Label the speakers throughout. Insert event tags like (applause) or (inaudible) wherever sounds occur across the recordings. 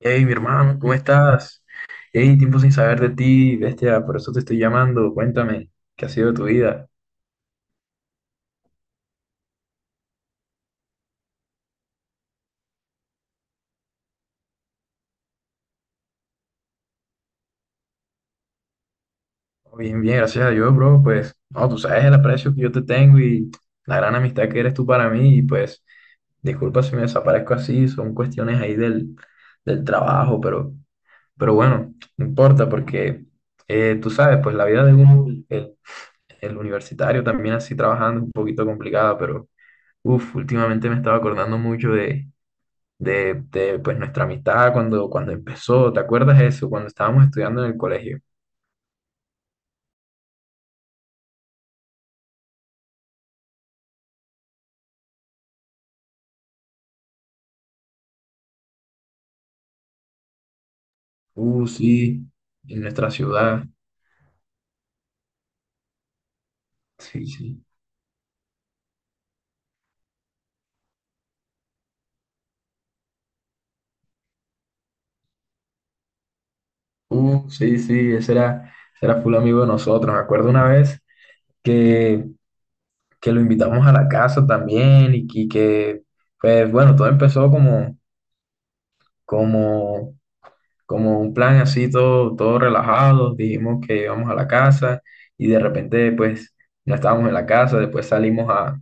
Speaker 1: Hey, mi hermano, ¿cómo estás? Hey, tiempo sin saber de ti, bestia, por eso te estoy llamando. Cuéntame, ¿qué ha sido de tu vida? Oh, bien, bien, gracias a Dios, bro. Pues, no, tú sabes el aprecio que yo te tengo y la gran amistad que eres tú para mí. Y pues, disculpa si me desaparezco así, son cuestiones ahí del trabajo, pero bueno, no importa porque tú sabes, pues la vida de un, el universitario también así trabajando es un poquito complicada, pero, últimamente me estaba acordando mucho de pues nuestra amistad cuando empezó, ¿te acuerdas eso? Cuando estábamos estudiando en el colegio. Sí, en nuestra ciudad. Sí, sí. Sí, ese era full amigo de nosotros. Me acuerdo una vez que, que lo invitamos a la casa también y, pues bueno, todo empezó como, como un plan así, todo relajado. Dijimos que íbamos a la casa y de repente pues no estábamos en la casa, después salimos a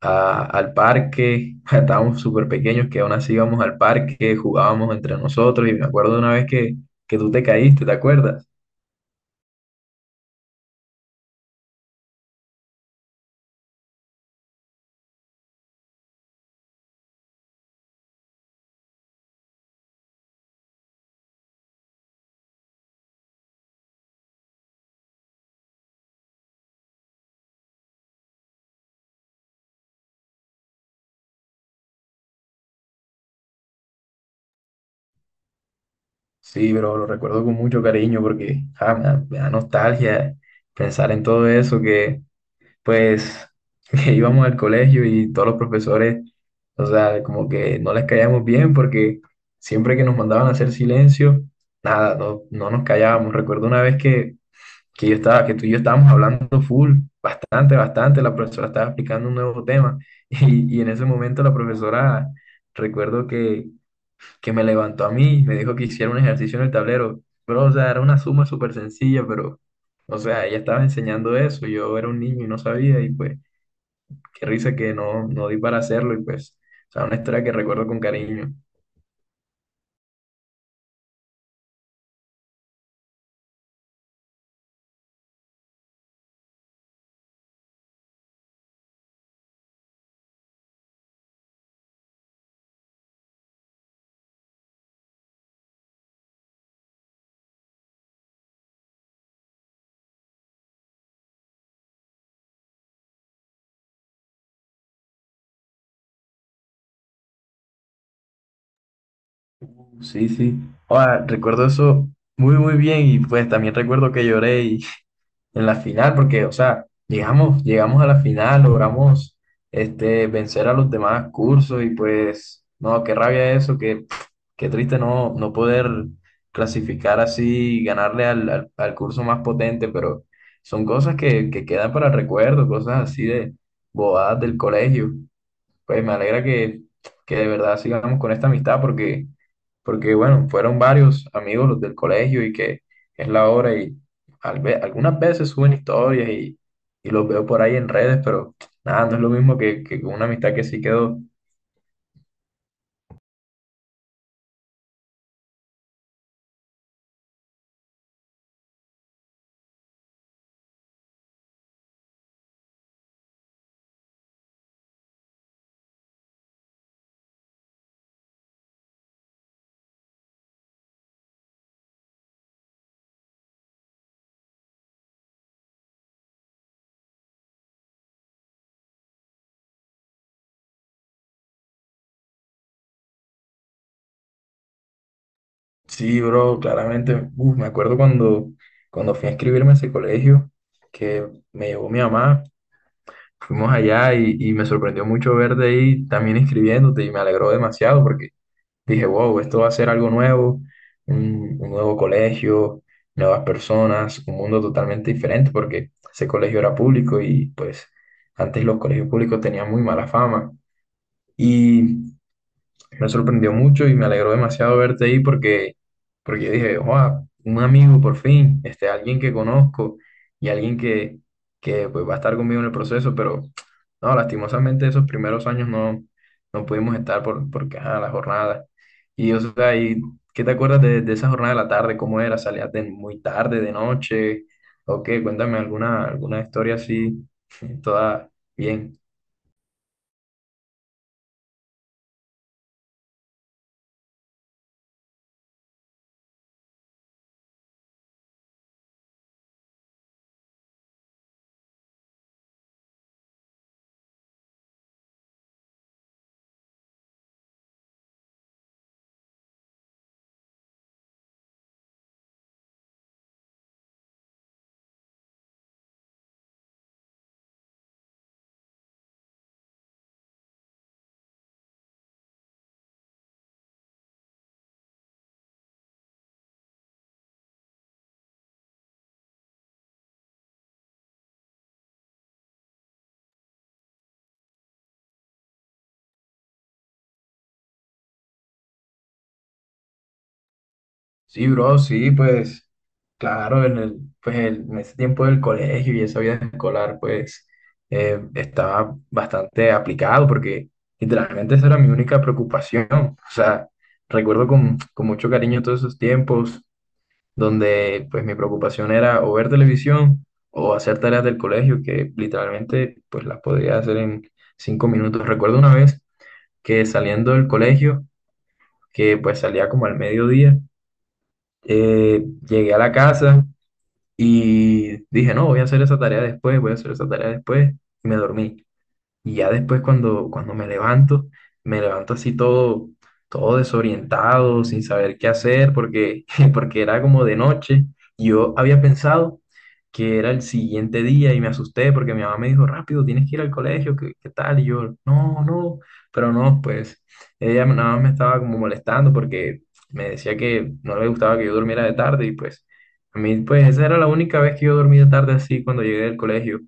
Speaker 1: al parque. (laughs) Estábamos súper pequeños que aún así íbamos al parque, jugábamos entre nosotros y me acuerdo de una vez que tú te caíste, ¿te acuerdas? Sí, pero lo recuerdo con mucho cariño porque me da nostalgia pensar en todo eso que pues (laughs) que íbamos al colegio y todos los profesores, o sea, como que no les caíamos bien porque siempre que nos mandaban a hacer silencio, nada, no, no nos callábamos. Recuerdo una vez que tú y yo estábamos hablando full, bastante, bastante, la profesora estaba explicando un nuevo tema. (laughs) Y, y en ese momento la profesora, recuerdo que me levantó a mí, me dijo que hiciera un ejercicio en el tablero, pero o sea, era una suma súper sencilla, pero o sea, ella estaba enseñando eso, yo era un niño y no sabía y pues qué risa que no, no di para hacerlo y pues, o sea, una historia que recuerdo con cariño. Sí, sí. Ahora, recuerdo eso muy, muy bien y pues también recuerdo que (laughs) en la final porque, o sea, llegamos a la final, logramos vencer a los demás cursos y pues, no, qué rabia eso, qué, qué triste no, no poder clasificar así y ganarle al curso más potente, pero son cosas que quedan para el recuerdo, cosas así de bobadas del colegio. Pues me alegra que de verdad sigamos con esta amistad porque bueno, fueron varios amigos los del colegio y que es la hora y algunas veces suben historias y los veo por ahí en redes, pero nada, no es lo mismo que con una amistad que sí quedó. Sí, bro, claramente, uf, me acuerdo cuando fui a inscribirme a ese colegio que me llevó mi mamá, fuimos allá y me sorprendió mucho verte ahí también inscribiéndote y me alegró demasiado porque dije, wow, esto va a ser algo nuevo, un nuevo colegio, nuevas personas, un mundo totalmente diferente porque ese colegio era público y pues antes los colegios públicos tenían muy mala fama. Y me sorprendió mucho y me alegró demasiado verte ahí porque yo dije, wow, un amigo por fin, este, alguien que conozco y alguien que pues, va a estar conmigo en el proceso, pero no, lastimosamente esos primeros años no, no pudimos estar por, porque, ajá, la jornada. Y, o sea, ¿y qué te acuerdas de esa jornada de la tarde? ¿Cómo era? ¿Salías de muy tarde, de noche? ¿O qué? Cuéntame alguna, alguna historia así, (laughs) toda bien. Sí, bro, sí, pues claro, en el, pues el- en ese tiempo del colegio y esa vida escolar, pues estaba bastante aplicado porque literalmente esa era mi única preocupación. O sea, recuerdo con mucho cariño todos esos tiempos donde pues mi preocupación era o ver televisión o hacer tareas del colegio que literalmente pues las podía hacer en cinco minutos. Recuerdo una vez que saliendo del colegio, que pues salía como al mediodía, llegué a la casa y dije, no, voy a hacer esa tarea después, y me dormí. Y ya después cuando me levanto así todo desorientado, sin saber qué hacer, porque, (laughs) porque era como de noche. Yo había pensado que era el siguiente día y me asusté porque mi mamá me dijo, rápido, tienes que ir al colegio, ¿qué tal? Y yo, no, no, pero no, pues ella nada más me estaba como molestando porque me decía que no le gustaba que yo durmiera de tarde y pues a mí, pues esa era la única vez que yo dormí de tarde así cuando llegué del colegio.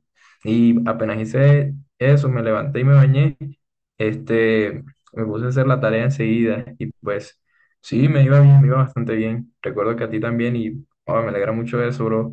Speaker 1: Y apenas hice eso, me levanté y me bañé. Este, me puse a hacer la tarea enseguida y pues sí, me iba bien, me iba bastante bien. Recuerdo que a ti también y oh, me alegra mucho eso, bro.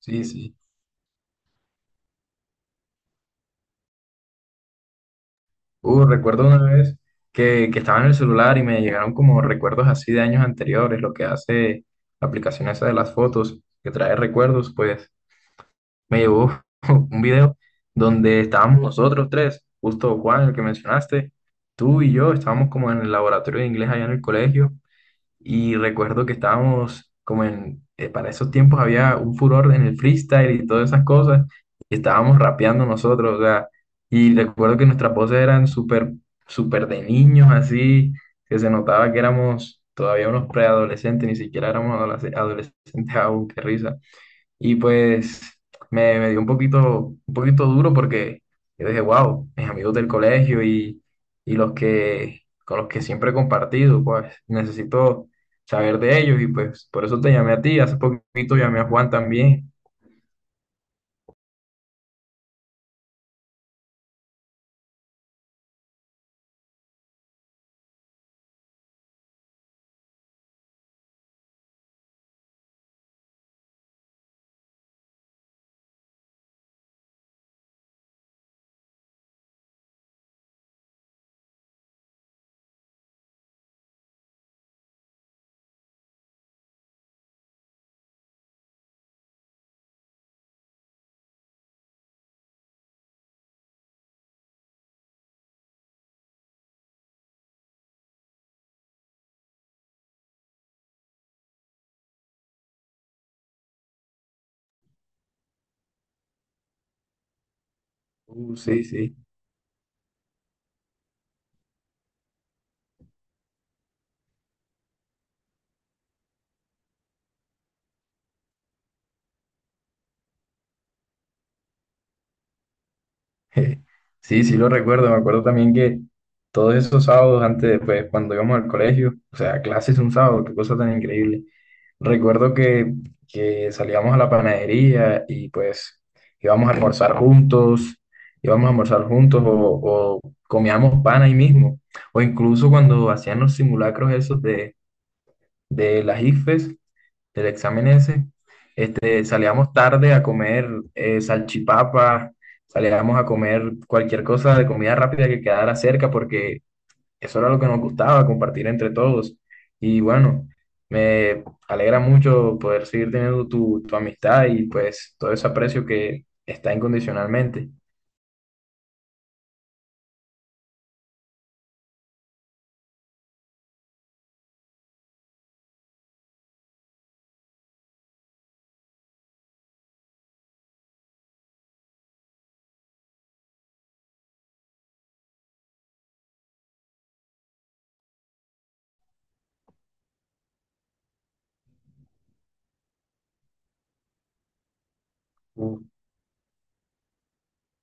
Speaker 1: Sí, sí. Recuerdo una vez que estaba en el celular y me llegaron como recuerdos así de años anteriores, lo que hace la aplicación esa de las fotos, que trae recuerdos, pues me llevó (laughs) un video donde estábamos nosotros tres, justo Juan, el que mencionaste, tú y yo, estábamos como en el laboratorio de inglés allá en el colegio. Y recuerdo que estábamos como en, para esos tiempos había un furor en el freestyle y todas esas cosas. Y estábamos rapeando nosotros, o sea, y recuerdo que nuestras voces eran súper, súper de niños, así, que se notaba que éramos todavía unos preadolescentes, ni siquiera éramos adolescentes aún, qué risa. Y pues me dio un poquito duro porque yo dije, wow, mis amigos del colegio y los que, con los que siempre he compartido, pues necesito saber de ellos y pues por eso te llamé a ti. Hace poquito llamé a Juan también. Sí. (laughs) Sí, sí lo recuerdo, me acuerdo también que todos esos sábados antes, pues cuando íbamos al colegio, o sea, clases un sábado, qué cosa tan increíble. Recuerdo que salíamos a la panadería y pues íbamos a almorzar juntos, o comíamos pan ahí mismo, o incluso cuando hacían los simulacros esos de las IFES del examen ese, este, salíamos tarde a comer salchipapa, salíamos a comer cualquier cosa de comida rápida que quedara cerca, porque eso era lo que nos gustaba, compartir entre todos. Y bueno, me alegra mucho poder seguir teniendo tu, tu amistad y pues todo ese aprecio que está incondicionalmente.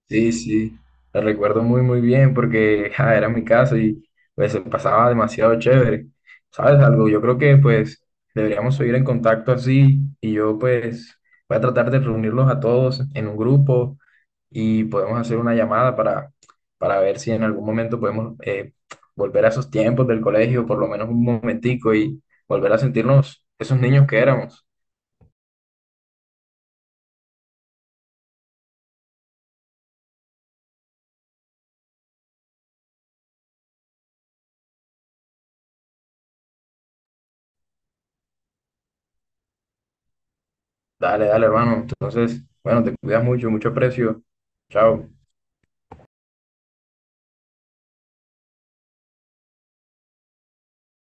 Speaker 1: Sí, sí, la recuerdo muy, muy bien porque ja, era mi casa y pues se pasaba demasiado chévere. ¿Sabes algo? Yo creo que pues deberíamos seguir en contacto así y yo pues voy a tratar de reunirlos a todos en un grupo y podemos hacer una llamada para ver si en algún momento podemos volver a esos tiempos del colegio, por lo menos un momentico y volver a sentirnos esos niños que éramos. Dale, dale, hermano. Entonces, bueno, te cuidas mucho, mucho aprecio. Chao.